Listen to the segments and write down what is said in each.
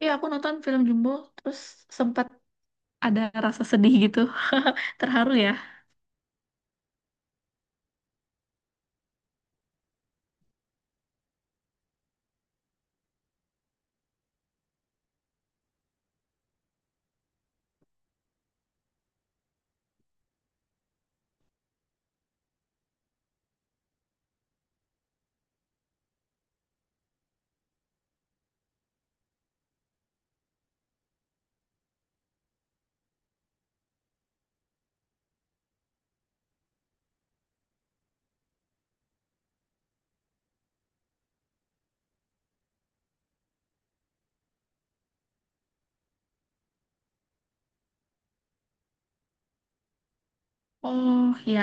Iya, aku nonton film Jumbo, terus sempat ada rasa sedih gitu, terharu ya. Oh ya,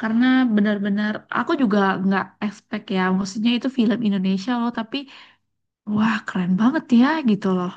karena benar-benar aku juga nggak expect ya, maksudnya itu film Indonesia loh, tapi wah keren banget ya gitu loh.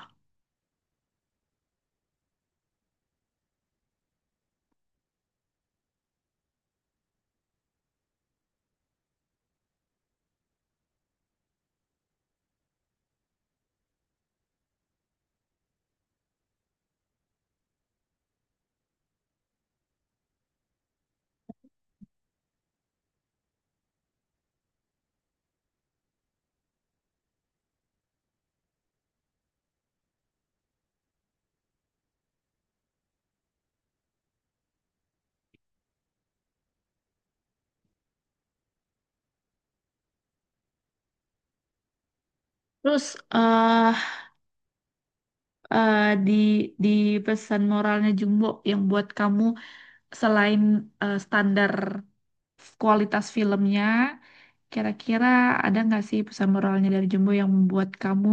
Terus eh eh, di di pesan moralnya Jumbo yang buat kamu selain standar kualitas filmnya, kira-kira ada nggak sih pesan moralnya dari Jumbo yang membuat kamu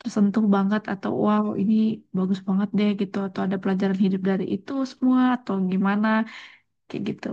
tersentuh banget atau wow ini bagus banget deh gitu atau ada pelajaran hidup dari itu semua atau gimana kayak gitu.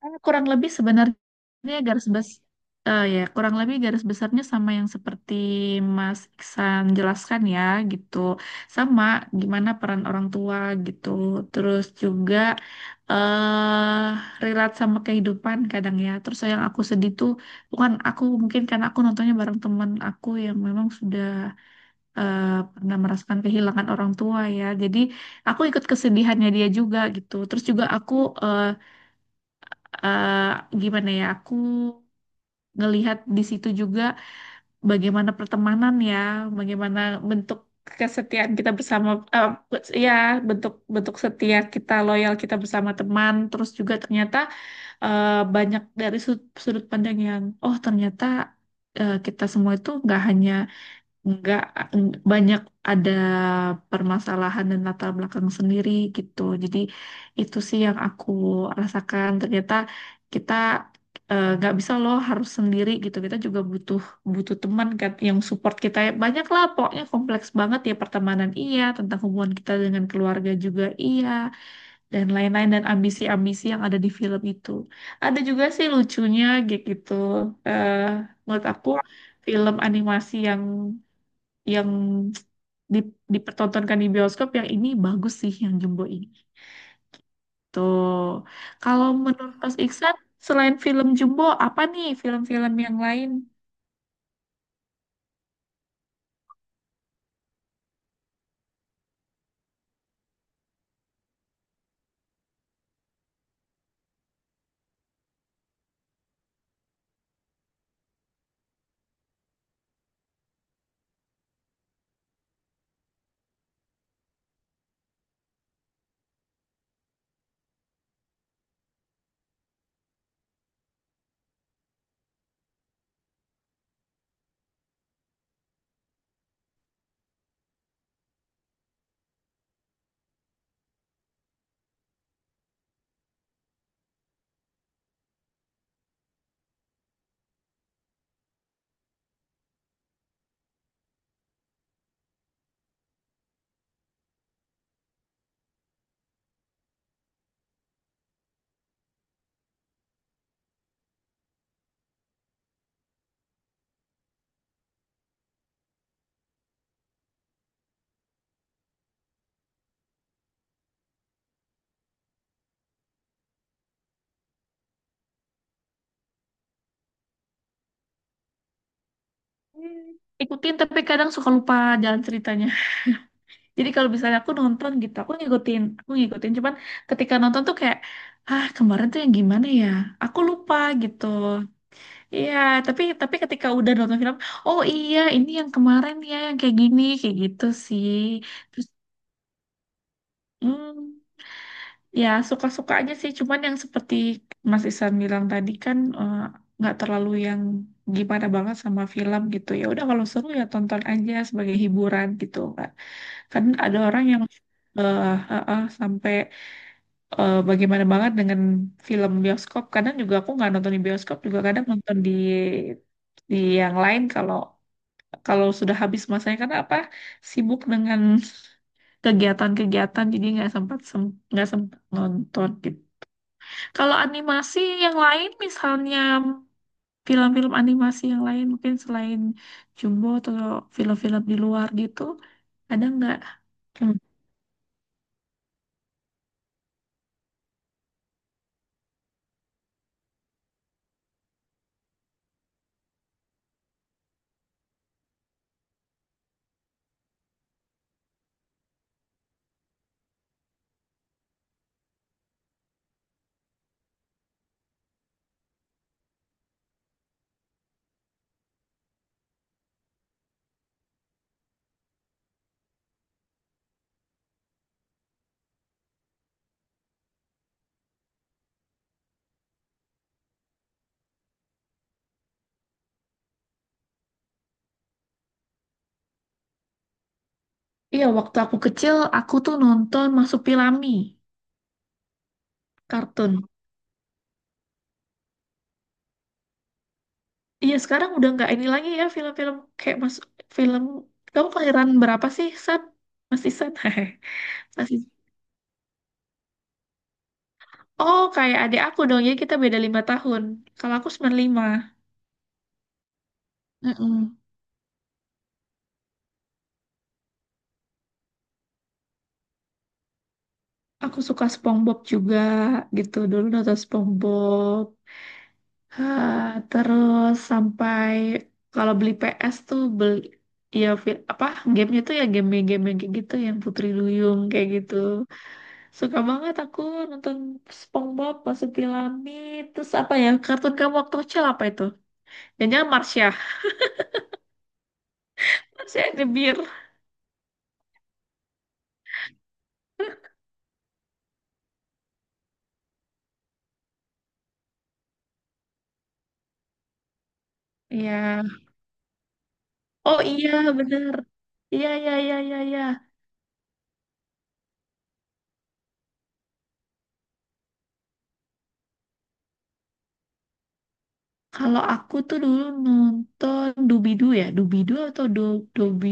Kan kurang lebih sebenarnya Dia garis bes eh ya kurang lebih garis besarnya sama yang seperti Mas Iksan jelaskan ya gitu. Sama gimana peran orang tua gitu. Terus juga eh relate sama kehidupan kadang ya. Terus yang aku sedih tuh bukan aku mungkin karena aku nontonnya bareng teman aku yang memang sudah eh, pernah merasakan kehilangan orang tua ya. Jadi aku ikut kesedihannya dia juga gitu. Terus juga aku eh gimana ya aku ngelihat di situ juga bagaimana pertemanan ya, bagaimana bentuk kesetiaan kita bersama, eh, ya bentuk bentuk setia kita, loyal kita bersama teman. Terus juga ternyata eh, banyak dari sudut pandang yang, oh ternyata kita semua itu nggak hanya nggak banyak ada permasalahan dan latar belakang sendiri gitu. Jadi itu sih yang aku rasakan. Ternyata kita nggak bisa loh harus sendiri gitu. Kita juga butuh butuh teman kan yang support kita. Banyak lah pokoknya kompleks banget ya pertemanan iya, tentang hubungan kita dengan keluarga juga iya, dan lain-lain dan ambisi-ambisi yang ada di film itu. Ada juga sih lucunya kayak gitu. Eh, menurut aku film animasi yang di, dipertontonkan di bioskop yang ini bagus sih yang Jumbo ini. Tuh. Kalau menurut Mas Iksan, selain film Jumbo, apa nih film-film yang lain? Hmm, Ikutin tapi kadang suka lupa jalan ceritanya. Jadi kalau misalnya aku nonton gitu, aku ngikutin, aku ngikutin. Cuman ketika nonton tuh kayak, ah kemarin tuh yang gimana ya? Aku lupa gitu. Iya, tapi ketika udah nonton film, oh iya ini yang kemarin ya yang kayak gini, kayak gitu sih. Terus, hmm, ya, suka-suka aja sih. Cuman yang seperti Mas Isan bilang tadi kan nggak terlalu yang gimana banget sama film gitu. Ya udah kalau seru ya tonton aja sebagai hiburan gitu, Kak. Kan ada orang yang eh, sampai bagaimana banget dengan film bioskop. Kadang juga aku nggak nonton di bioskop juga kadang nonton di yang lain kalau kalau sudah habis masanya karena apa? Sibuk dengan kegiatan-kegiatan jadi nggak sempat nggak sempat nonton gitu. Kalau animasi yang lain, misalnya film-film animasi yang lain, mungkin selain Jumbo atau film-film di luar gitu, ada nggak? Hmm. Iya, waktu aku kecil, aku tuh nonton Marsupilami, kartun. Iya, sekarang udah nggak ini lagi ya, film-film kayak mas film. Kamu kelahiran berapa sih, Sat? Masih Sat? Masih. Oh, kayak adik aku dong, ya kita beda 5 tahun. Kalau aku 95. mm Aku suka SpongeBob juga gitu dulu nonton SpongeBob. Ah, terus sampai kalau beli PS tuh beli ya apa gamenya tuh ya game-game yang kayak gitu yang Putri Duyung kayak gitu. Suka banget aku nonton SpongeBob, Masuk Pilamid, terus apa ya kartun kamu waktu kecil apa itu? Jangan-jangan Marsha. Marsha and the Bear. Iya. Oh iya bener. Iya, iya, iya, iya, iya. Kalau aku tuh dulu nonton Doobie-Doo ya, doobie atau Do Dobi,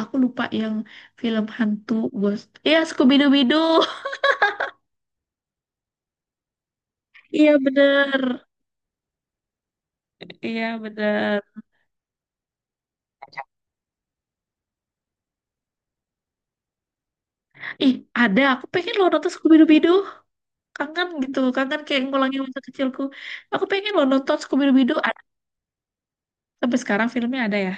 aku lupa yang film hantu ghost. Iya, Scooby-Dooby-Doo. Iya bener, iya bener. Ih, ada. Aku pengen lo nonton Scooby-Dooby-Doo. Kangen gitu. Kangen kayak ngulangi masa kecilku. Aku pengen lo nonton Scooby-Dooby-Doo. Ada. Sampai sekarang filmnya ada ya.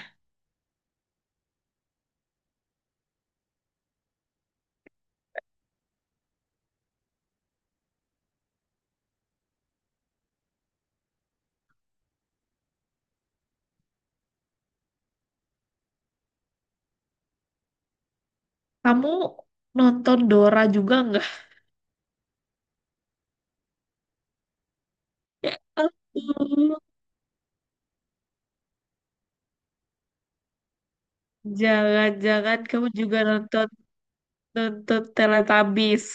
Kamu nonton Dora juga nggak? Ya ampun. Jangan-jangan kamu juga nonton nonton Teletubbies.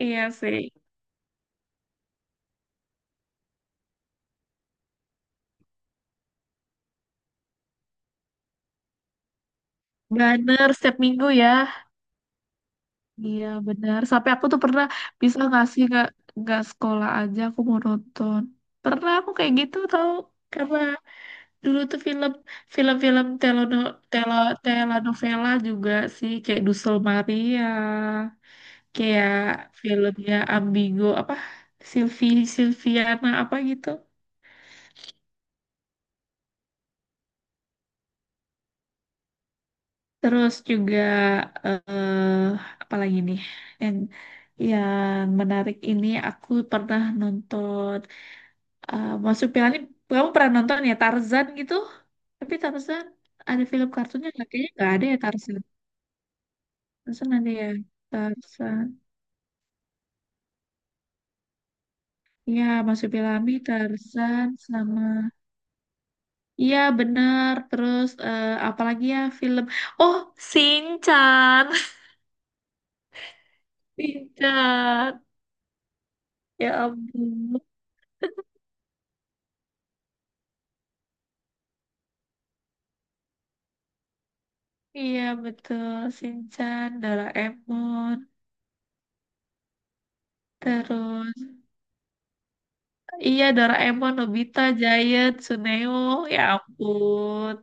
Iya sih. Bener, setiap minggu ya. Iya bener. Sampai aku tuh pernah bisa ngasih nggak sekolah aja aku mau nonton. Pernah aku kayak gitu tau. Karena dulu tuh film-film telo, telenovela juga sih kayak Dusel Maria, kayak filmnya Ambigo apa Silvi Silviana apa gitu. Terus juga eh apa lagi nih yang yang menarik ini aku pernah nonton Masuk Pirani. Kamu pernah nonton ya Tarzan gitu? Tapi Tarzan ada film kartunnya nggak? Kayaknya nggak ada ya Tarzan. Tarzan ada ya Tarzan. Ya Masuk Pirani, Tarzan sama. Iya benar. Terus apalagi ya film? Oh Sinchan. Sinchan. Ya ampun. Iya betul, Shinchan, Doraemon, terus iya Doraemon, Nobita, Giant, Suneo, ya ampun.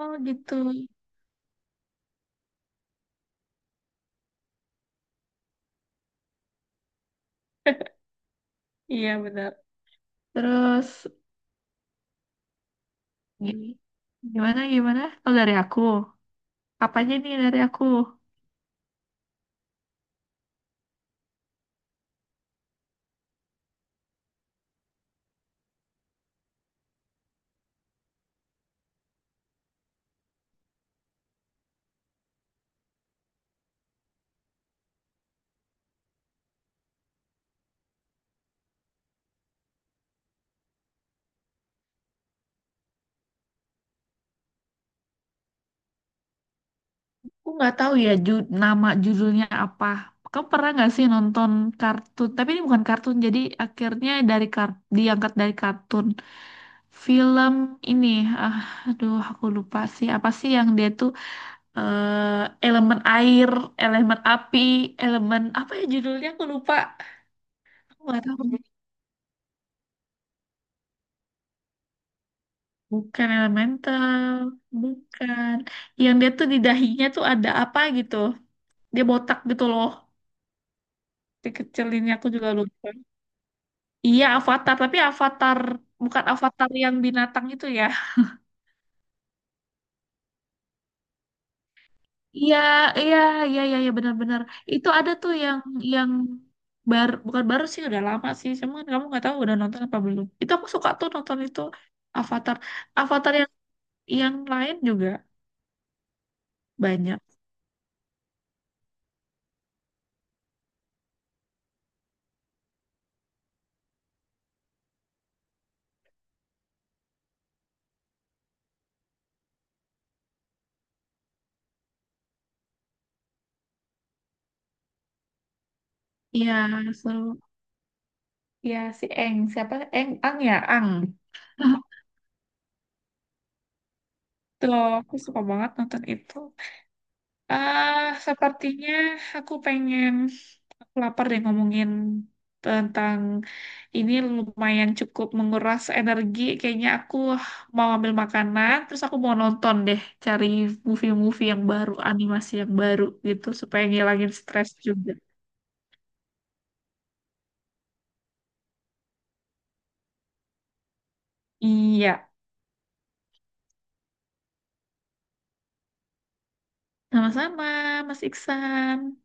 Oh gitu. Iya benar. Terus gi- gimana gimana? Oh dari aku. Apanya nih dari aku? Aku nggak tahu ya nama judulnya apa. Kamu pernah nggak sih nonton kartun? Tapi ini bukan kartun, jadi akhirnya dari diangkat dari kartun. Film ini, ah, aduh aku lupa sih. Apa sih yang dia tuh elemen air, elemen api, elemen apa ya judulnya aku lupa. Aku nggak tahu. Bukan elemental, bukan. Yang dia tuh di dahinya tuh ada apa gitu. Dia botak gitu loh. Dikecilinnya aku juga lupa. Iya, Avatar, tapi Avatar bukan Avatar yang binatang itu ya. Iya, iya, iya, iya, iya benar-benar. Itu ada tuh yang baru bukan baru sih udah lama sih. Cuman kan kamu nggak tahu udah nonton apa belum. Itu aku suka tuh nonton itu Avatar. Avatar yang lain juga banyak. Iya, seru. Iya, si Eng. Siapa? Eng, Ang ya, Ang. Tuh, aku suka banget nonton itu. Ah, sepertinya aku pengen aku lapar deh ngomongin tentang ini lumayan cukup menguras energi. Kayaknya aku mau ambil makanan, terus aku mau nonton deh, cari movie-movie yang baru, animasi yang baru gitu supaya ngilangin stres juga. Iya, sama-sama, Mas Iksan.